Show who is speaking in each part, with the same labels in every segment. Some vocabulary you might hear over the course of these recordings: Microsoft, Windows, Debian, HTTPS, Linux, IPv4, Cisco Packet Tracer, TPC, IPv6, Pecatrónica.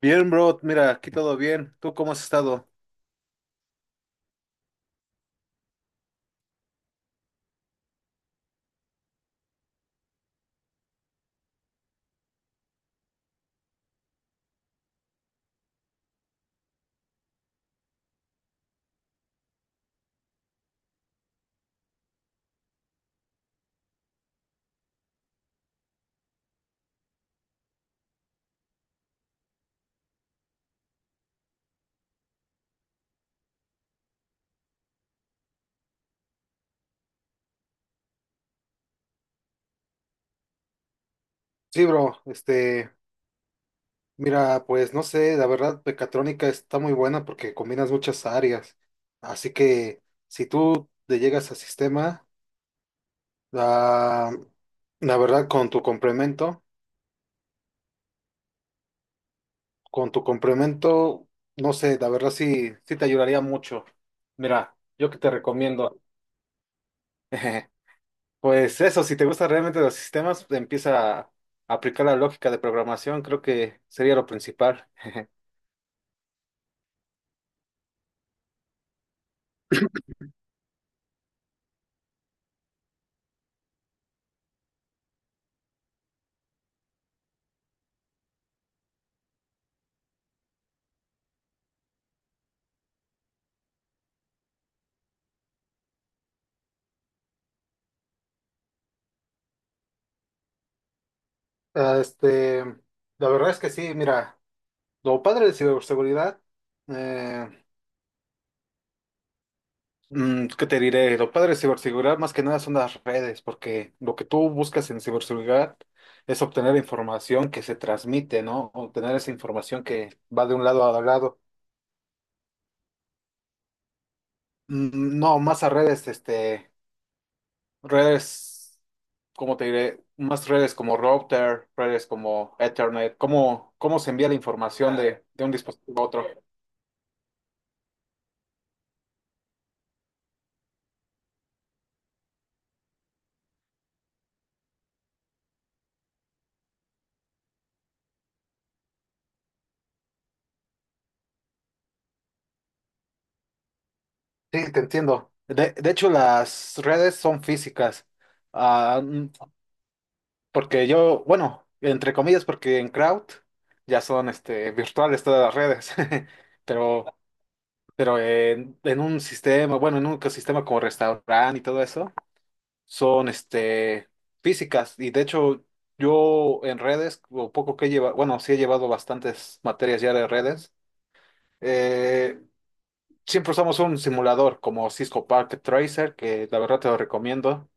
Speaker 1: Bien, bro, mira, aquí todo bien. ¿Tú cómo has estado? Sí, bro, mira, pues no sé, la verdad, Pecatrónica está muy buena porque combinas muchas áreas. Así que si tú te llegas a sistema, la, la verdad, con tu complemento, con tu complemento, no sé, la verdad sí, sí te ayudaría mucho. Mira, yo que te recomiendo. Pues eso, si te gustan realmente los sistemas, empieza a aplicar la lógica de programación, creo que sería lo principal. Ah, Este, la verdad es que sí, mira, lo padre de ciberseguridad, eh, ¿qué te diré? Lo padre de ciberseguridad más que nada son las redes, porque lo que tú buscas en ciberseguridad es obtener información que se transmite, ¿no? Obtener esa información que va de un lado a lado. No, más a redes, redes, ¿cómo te diré? Más redes como router, redes como Ethernet, ¿ cómo se envía la información de un dispositivo a otro? Sí, te entiendo. De hecho, las redes son físicas. Ah, mm, porque yo, bueno, entre comillas, porque en Crowd ya son virtuales todas las redes. Pero, pero en un sistema, bueno, en un ecosistema como restaurante y todo eso, son físicas. Y de hecho, yo en redes, lo poco que he llevado, bueno, sí he llevado bastantes materias ya de redes. Eh, siempre usamos un simulador como Cisco Packet Tracer, que la verdad te lo recomiendo.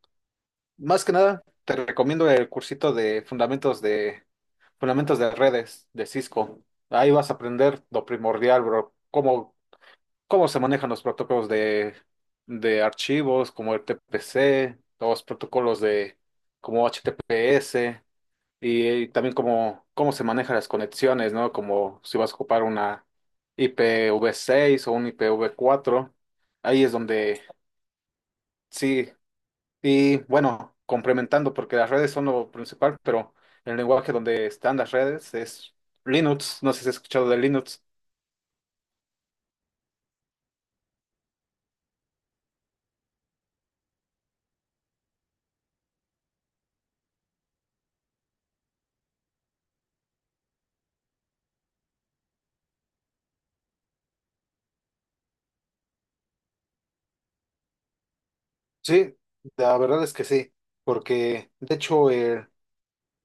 Speaker 1: Más que nada, te recomiendo el cursito de fundamentos de redes de Cisco. Ahí vas a aprender lo primordial, bro, cómo se manejan los protocolos de archivos, como el TPC, los protocolos de como HTTPS, y también cómo se manejan las conexiones, ¿no? Como si vas a ocupar una IPv6 o un IPv4. Ahí es donde sí. Y bueno, complementando, porque las redes son lo principal, pero el lenguaje donde están las redes es Linux. No sé si has escuchado de Linux. Sí, la verdad es que sí. Porque, de hecho, el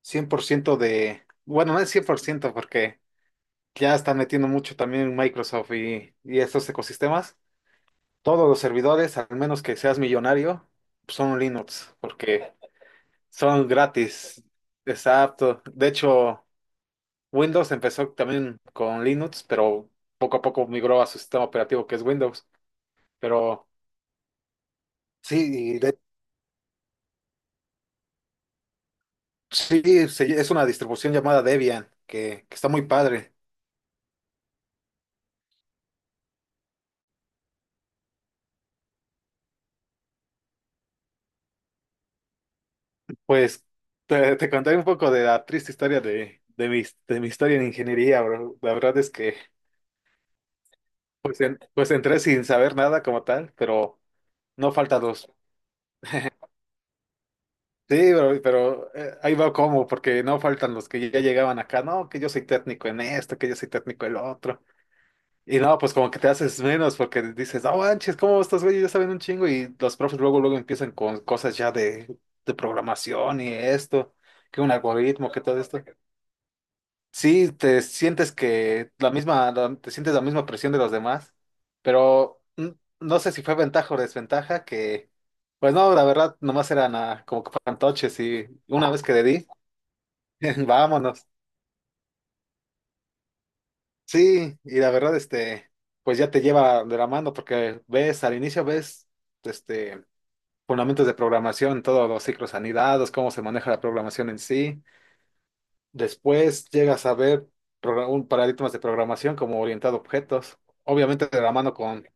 Speaker 1: 100% de, bueno, no es 100% porque ya están metiendo mucho también Microsoft y estos ecosistemas, todos los servidores, al menos que seas millonario, son Linux, porque son gratis. Exacto. De hecho, Windows empezó también con Linux, pero poco a poco migró a su sistema operativo que es Windows. Pero sí, y de- es una distribución llamada Debian, que está muy padre. Pues te contaré un poco de la triste historia de mi historia en ingeniería, bro. La verdad es que pues entré sin saber nada como tal, pero no faltan los. Sí, pero, ahí va como, porque no faltan los que ya llegaban acá, no, que yo soy técnico en esto, que yo soy técnico en lo otro. Y no, pues como que te haces menos porque dices, no manches, ¿cómo estos güeyes ya saben un chingo? Y los profes luego, luego empiezan con cosas ya de programación y esto, que un algoritmo, que todo esto. Sí, te sientes que la misma, te sientes la misma presión de los demás, pero no sé si fue ventaja o desventaja que, pues no, la verdad, nomás eran como que fantoches y una vez que le di, vámonos. Sí, y la verdad, pues ya te lleva de la mano porque ves, al inicio ves, este, fundamentos de programación, todos los ciclos anidados, cómo se maneja la programación en sí. Después llegas a ver un paradigmas de programación como orientado a objetos, obviamente de la mano con...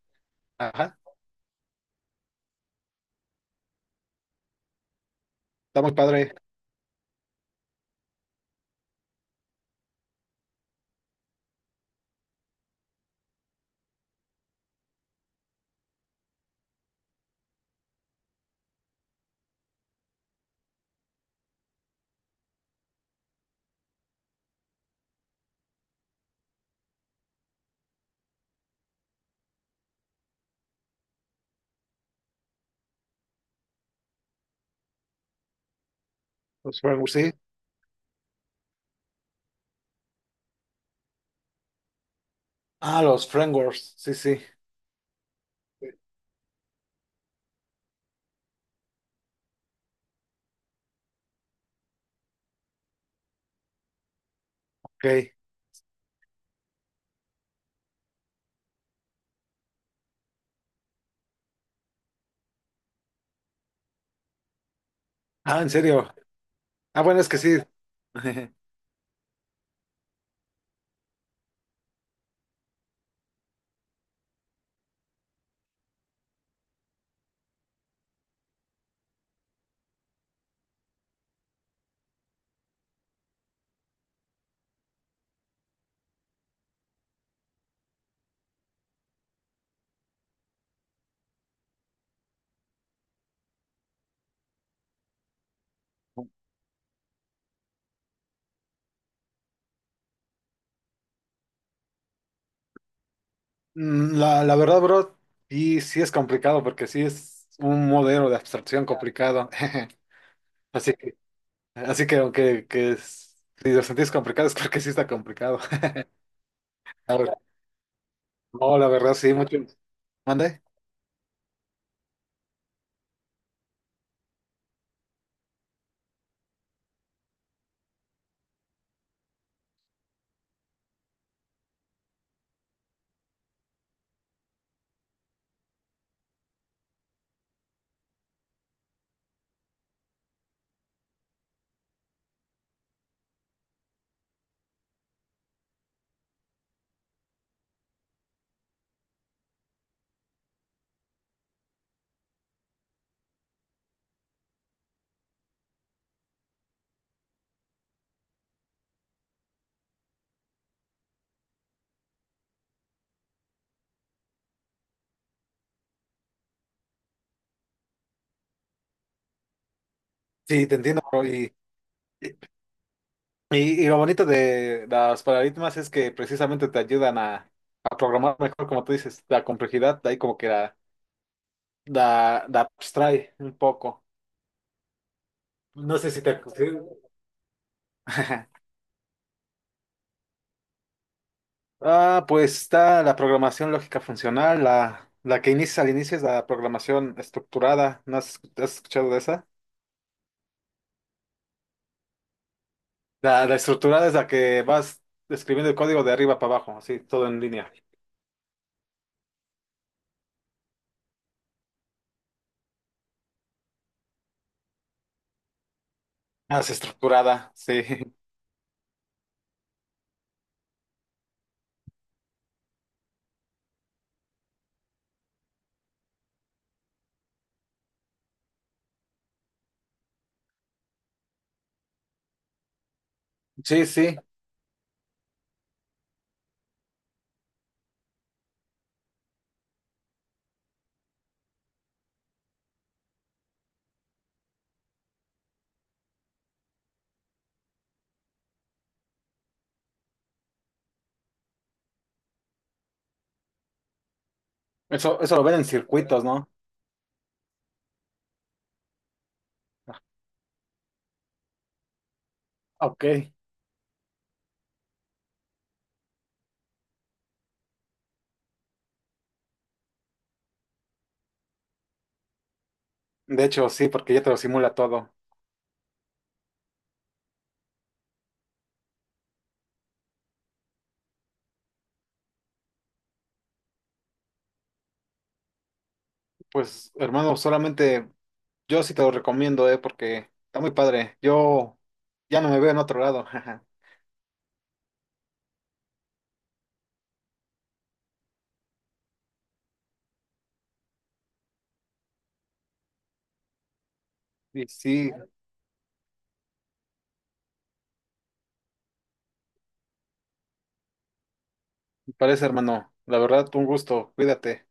Speaker 1: Ajá, está muy padre. Los frameworks, sí. Ah, los frameworks, sí, sí. Ok. Ah, ¿en serio? Ah, bueno, es que sí. La, la verdad, bro, sí, sí es complicado porque sí es un modelo de abstracción complicado. Así que, así que si lo sentís complicado es porque sí está complicado. A ver, no, la verdad, sí, mucho. ¿Mande? Sí, te entiendo, bro. Y lo bonito de las paradigmas es que precisamente te ayudan a programar mejor, como tú dices, la complejidad, de ahí como que la abstrae un poco. No sé si te... Ah, pues está la programación lógica funcional, la que inicia al inicio es la programación estructurada, ¿no has, has escuchado de esa? La estructurada es la que vas escribiendo el código de arriba para abajo, así, todo en línea. Ah, es estructurada, sí. Sí, sí, eso lo ven en circuitos, ¿no? Ok. De hecho, sí, porque ya te lo simula todo. Pues, hermano, solamente yo sí te lo recomiendo, porque está muy padre. Yo ya no me veo en otro lado. Jaja. Y sí, me parece, hermano. La verdad, un gusto. Cuídate.